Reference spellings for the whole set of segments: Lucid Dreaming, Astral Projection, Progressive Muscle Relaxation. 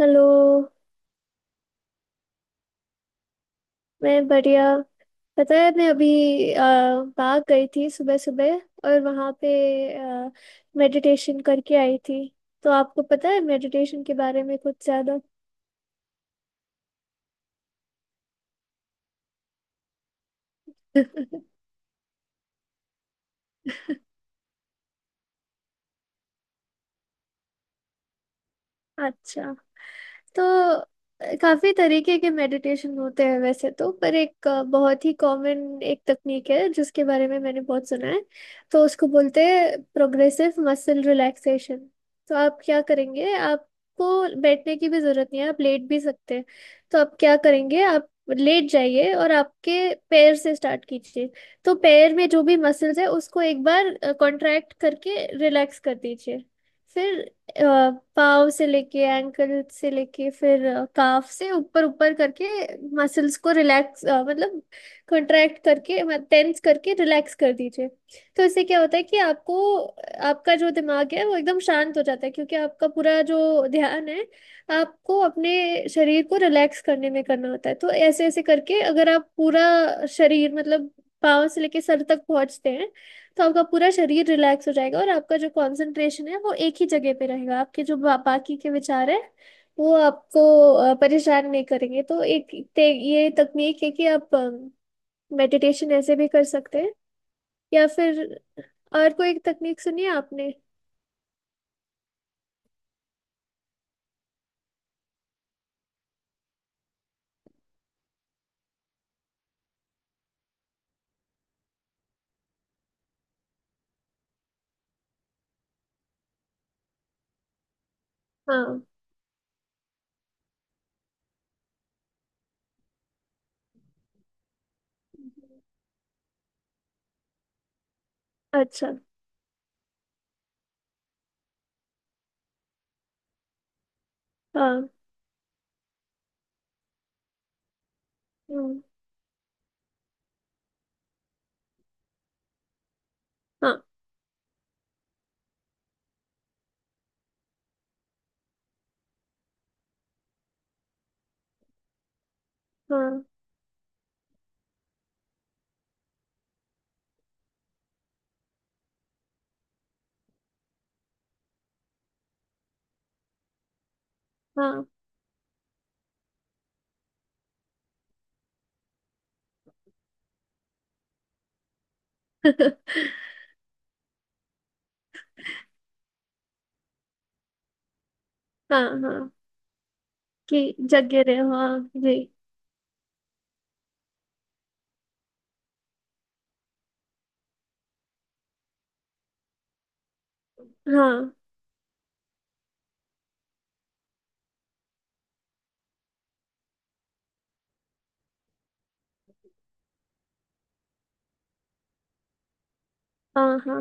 Hello. मैं बढ़िया। पता है मैं अभी अ, बाग गई थी सुबह सुबह और वहाँ पे मेडिटेशन करके आई थी। तो आपको पता है मेडिटेशन के बारे में कुछ ज़्यादा? अच्छा। तो काफी तरीके के मेडिटेशन होते हैं वैसे तो, पर एक बहुत ही कॉमन एक तकनीक है जिसके बारे में मैंने बहुत सुना है। तो उसको बोलते हैं प्रोग्रेसिव मसल रिलैक्सेशन। तो आप क्या करेंगे, आपको बैठने की भी जरूरत नहीं है, आप लेट भी सकते हैं। तो आप क्या करेंगे, आप लेट जाइए और आपके पैर से स्टार्ट कीजिए। तो पैर में जो भी मसल्स है उसको एक बार कॉन्ट्रैक्ट करके रिलैक्स कर दीजिए। फिर अ, पाँव से लेके एंकल से लेके फिर काफ से ऊपर ऊपर करके मसल्स को रिलैक्स मतलब कंट्रैक्ट करके टेंस करके रिलैक्स कर दीजिए। तो इससे क्या होता है कि आपको आपका जो दिमाग है वो एकदम शांत हो जाता है, क्योंकि आपका पूरा जो ध्यान है आपको अपने शरीर को रिलैक्स करने में करना होता है। तो ऐसे ऐसे करके अगर आप पूरा शरीर मतलब पाँव से लेके सर तक पहुंचते हैं तो आपका पूरा शरीर रिलैक्स हो जाएगा और आपका जो कंसंट्रेशन है वो एक ही जगह पे रहेगा। आपके जो बाकी के विचार है वो आपको परेशान नहीं करेंगे। तो एक ये तकनीक है कि आप मेडिटेशन ऐसे भी कर सकते हैं, या फिर और कोई एक तकनीक सुनी है आपने? हाँ। अच्छा। हाँ। हम्म। हाँ। हाँ हाँ। हाँ। हाँ कि जगे रहे हो। हाँ जी। हाँ हाँ हाँ।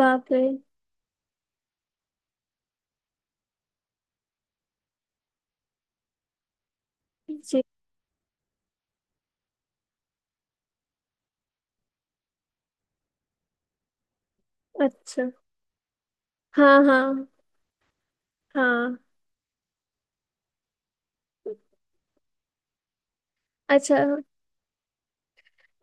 बाप रे। जी। अच्छा। हाँ हाँ हाँ। अच्छा।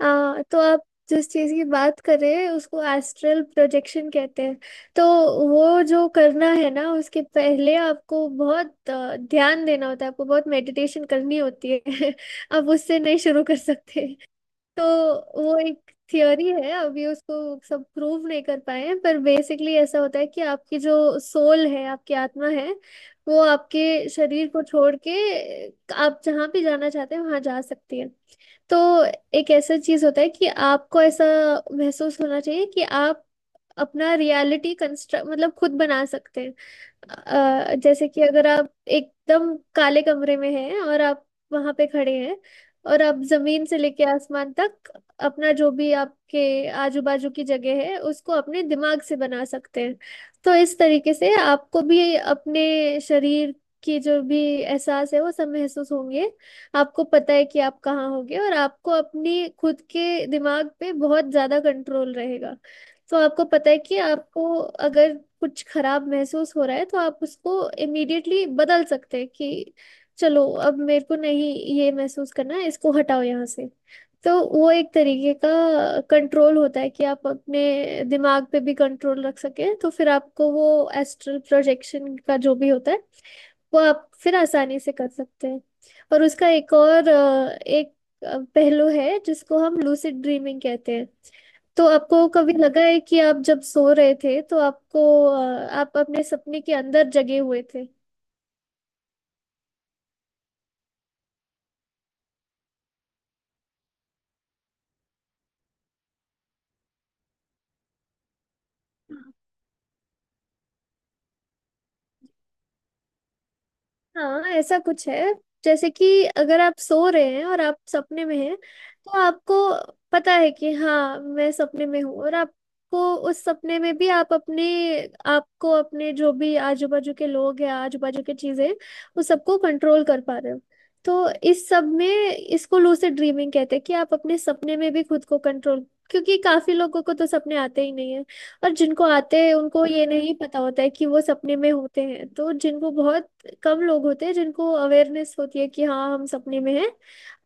तो आप जिस चीज की बात कर रहे हैं उसको एस्ट्रल प्रोजेक्शन कहते हैं। तो वो जो करना है ना उसके पहले आपको बहुत ध्यान देना होता है, आपको बहुत मेडिटेशन करनी होती है। आप उससे नहीं शुरू कर सकते। तो वो एक थियोरी है, अभी उसको सब प्रूव नहीं कर पाए हैं, पर बेसिकली ऐसा होता है कि आपकी जो सोल है आपकी आत्मा है वो आपके शरीर को छोड़ के आप जहाँ भी जाना चाहते हैं वहां जा सकती है। तो एक ऐसा चीज होता है कि आपको ऐसा महसूस होना चाहिए कि आप अपना रियलिटी कंस्ट्रक्ट मतलब खुद बना सकते हैं। जैसे कि अगर आप एकदम काले कमरे में हैं और आप वहां पे खड़े हैं और आप जमीन से लेके आसमान तक अपना जो भी आपके आजू बाजू की जगह है उसको अपने दिमाग से बना सकते हैं। तो इस तरीके से आपको भी अपने शरीर की जो भी एहसास है वो सब महसूस होंगे। आपको पता है कि आप कहाँ होगे और आपको अपनी खुद के दिमाग पे बहुत ज्यादा कंट्रोल रहेगा। तो आपको पता है कि आपको अगर कुछ खराब महसूस हो रहा है तो आप उसको इमीडिएटली बदल सकते हैं कि चलो अब मेरे को नहीं ये महसूस करना है इसको हटाओ यहाँ से। तो वो एक तरीके का कंट्रोल होता है कि आप अपने दिमाग पे भी कंट्रोल रख सकें, तो फिर आपको वो एस्ट्रल प्रोजेक्शन का जो भी होता है वो आप फिर आसानी से कर सकते हैं। और उसका एक और पहलू है जिसको हम लूसिड ड्रीमिंग कहते हैं। तो आपको कभी लगा है कि आप जब सो रहे थे तो आपको आप अपने सपने के अंदर जगे हुए थे? हाँ ऐसा कुछ है। जैसे कि अगर आप सो रहे हैं और आप सपने में हैं तो आपको पता है कि हाँ मैं सपने में हूँ और आपको उस सपने में भी आप अपने आपको अपने जो भी आजू बाजू के लोग हैं आजू बाजू की चीजें उस सबको कंट्रोल कर पा रहे हो। तो इस सब में इसको लूसिड ड्रीमिंग कहते हैं कि आप अपने सपने में भी खुद को कंट्रोल, क्योंकि काफी लोगों को तो सपने आते ही नहीं है और जिनको आते हैं उनको ये नहीं पता होता है कि वो सपने में होते हैं। तो जिनको बहुत कम लोग होते हैं जिनको अवेयरनेस होती है कि हाँ हम सपने में हैं,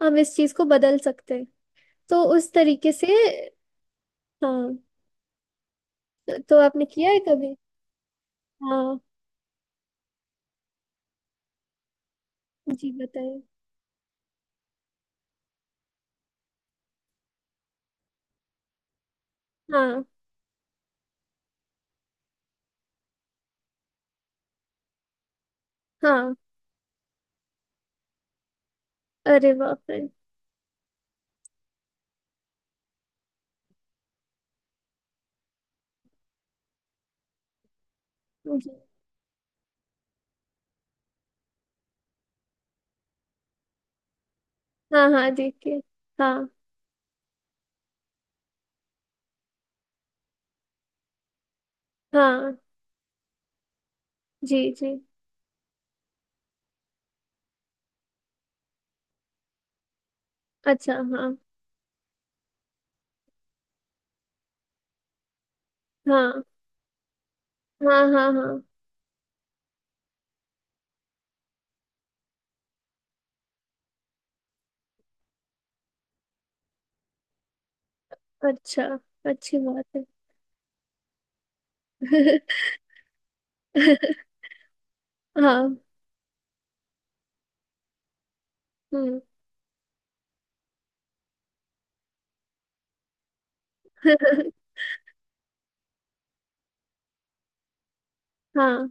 हम इस चीज को बदल सकते हैं। तो उस तरीके से। हाँ। तो आपने किया है कभी? हाँ। जी बताइए। हाँ हाँ। अरे बाप रे। जी। हाँ हाँ देखिए। हाँ। हाँ। जी जी। अच्छा हाँ। हाँ हाँ। हाँ हाँ। अच्छा। अच्छी बात है। हाँ। हम्म। हाँ।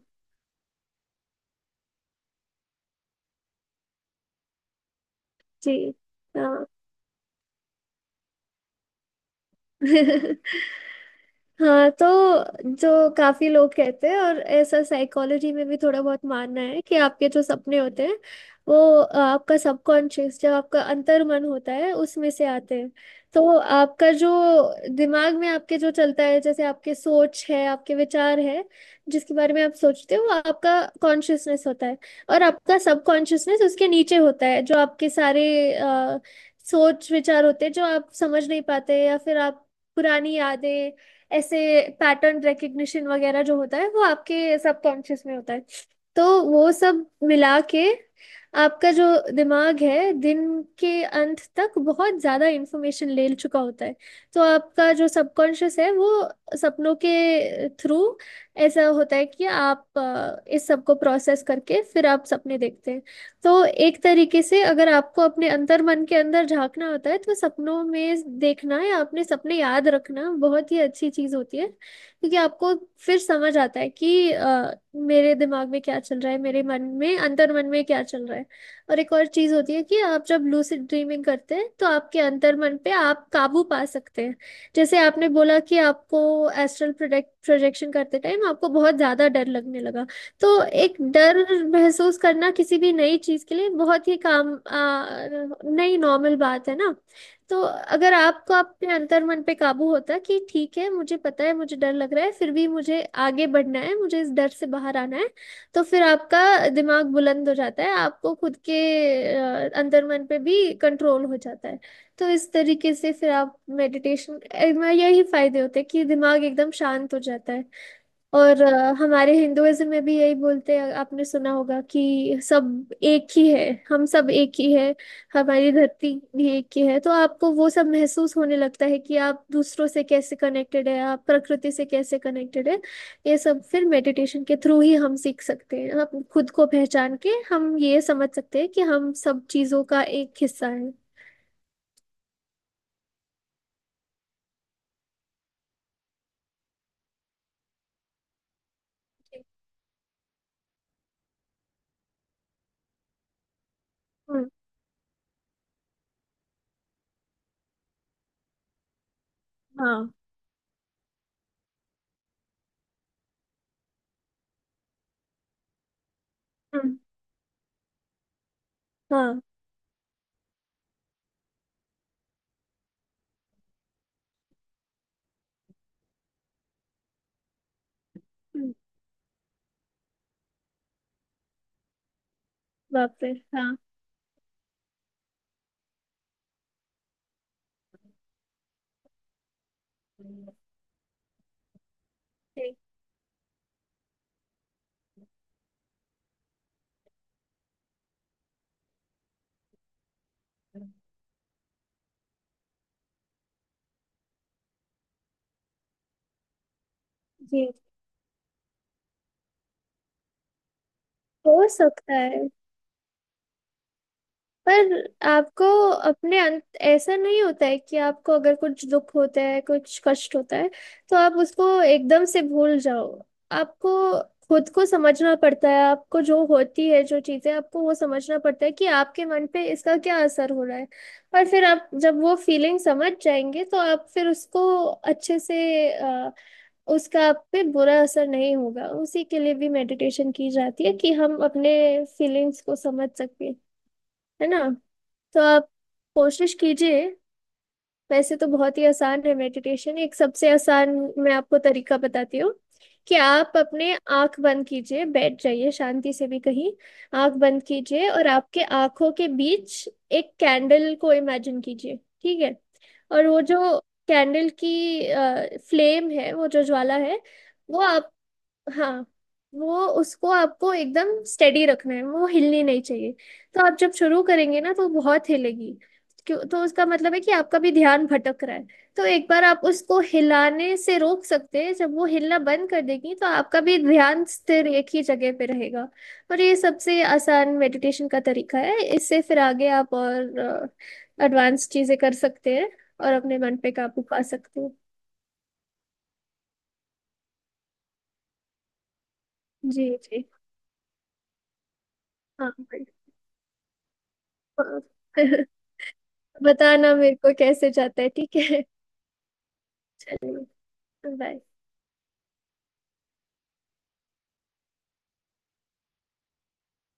जी। हाँ। हाँ। तो जो काफी लोग कहते हैं और ऐसा साइकोलॉजी में भी थोड़ा बहुत मानना है कि आपके जो सपने होते हैं वो आपका सबकॉन्शियस जब आपका अंतर्मन होता है उसमें से आते हैं। तो आपका जो दिमाग में आपके जो चलता है जैसे आपके सोच है आपके विचार है जिसके बारे में आप सोचते हो वो आपका कॉन्शियसनेस होता है। और आपका सबकॉन्शियसनेस उसके नीचे होता है जो आपके सारे सोच विचार होते हैं जो आप समझ नहीं पाते या फिर आप पुरानी यादें ऐसे पैटर्न रिकग्निशन वगैरह जो होता है वो आपके सबकॉन्शियस में होता है। तो वो सब मिला के आपका जो दिमाग है दिन के अंत तक बहुत ज़्यादा इंफॉर्मेशन ले चुका होता है। तो आपका जो सबकॉन्शियस है वो सपनों के थ्रू ऐसा होता है कि आप इस सब को प्रोसेस करके फिर आप सपने देखते हैं। तो एक तरीके से अगर आपको अपने अंतर मन के अंदर झांकना होता है तो सपनों में देखना या अपने सपने याद रखना बहुत ही अच्छी चीज होती है, क्योंकि आपको फिर समझ आता है कि मेरे दिमाग में क्या चल रहा है मेरे मन में अंतर मन में क्या चल रहा है। और एक और चीज होती है कि आप जब लूसिड ड्रीमिंग करते हैं तो आपके अंतर मन पे आप काबू पा सकते हैं। जैसे आपने बोला कि आपको एस्ट्रल प्रोजेक्शन करते टाइम आपको बहुत ज्यादा डर लगने लगा। तो एक डर महसूस करना किसी भी नई चीज के लिए बहुत ही नई नॉर्मल बात है ना। तो अगर आपको आपके अंतर मन पे काबू होता कि ठीक है मुझे पता है मुझे डर लग रहा है फिर भी मुझे आगे बढ़ना है मुझे इस डर से बाहर आना है, तो फिर आपका दिमाग बुलंद हो जाता है, आपको खुद के अंतर मन पे भी कंट्रोल हो जाता है। तो इस तरीके से फिर आप मेडिटेशन में यही फायदे होते हैं कि दिमाग एकदम शांत हो जाता है। और हमारे हिंदुइज्म में भी यही बोलते हैं आपने सुना होगा कि सब एक ही है, हम सब एक ही है, हमारी धरती भी एक ही है। तो आपको वो सब महसूस होने लगता है कि आप दूसरों से कैसे कनेक्टेड है आप प्रकृति से कैसे कनेक्टेड है। ये सब फिर मेडिटेशन के थ्रू ही हम सीख सकते हैं, हम खुद को पहचान के हम ये समझ सकते हैं कि हम सब चीजों का एक हिस्सा है। हम्म। हाँ। हम्म। हाँ। हम्म। बाप रे। हाँ। जी जी, हो सकता है। पर आपको अपने अंत, ऐसा नहीं होता है कि आपको अगर कुछ दुख होता है कुछ कष्ट होता है तो आप उसको एकदम से भूल जाओ। आपको खुद को समझना पड़ता है आपको जो होती है जो चीजें आपको वो समझना पड़ता है कि आपके मन पे इसका क्या असर हो रहा है। और फिर आप जब वो फीलिंग समझ जाएंगे तो आप फिर उसको अच्छे से उसका आप पे बुरा असर नहीं होगा। उसी के लिए भी मेडिटेशन की जाती है कि हम अपने फीलिंग्स को समझ सके, है ना। तो आप कोशिश कीजिए। वैसे तो बहुत ही आसान है मेडिटेशन, एक सबसे आसान मैं आपको तरीका बताती हूँ कि आप अपने आंख बंद कीजिए बैठ जाइए शांति से भी कहीं। आंख बंद कीजिए और आपके आंखों के बीच एक कैंडल को इमेजिन कीजिए। ठीक है। और वो जो कैंडल की फ्लेम है वो जो ज्वाला है वो आप, हाँ, वो उसको आपको एकदम स्टेडी रखना है वो हिलनी नहीं चाहिए। तो आप जब शुरू करेंगे ना तो बहुत हिलेगी। क्यों, तो उसका मतलब है कि आपका भी ध्यान भटक रहा है। तो एक बार आप उसको हिलाने से रोक सकते हैं, जब वो हिलना बंद कर देगी तो आपका भी ध्यान स्थिर एक ही जगह पे रहेगा। और ये सबसे आसान मेडिटेशन का तरीका है, इससे फिर आगे आप और एडवांस चीजें कर सकते हैं और अपने मन पे काबू पा सकते हैं। जी जी। हाँ हाँ। बताना मेरे को कैसे जाता है, ठीक है। चलो। बाय।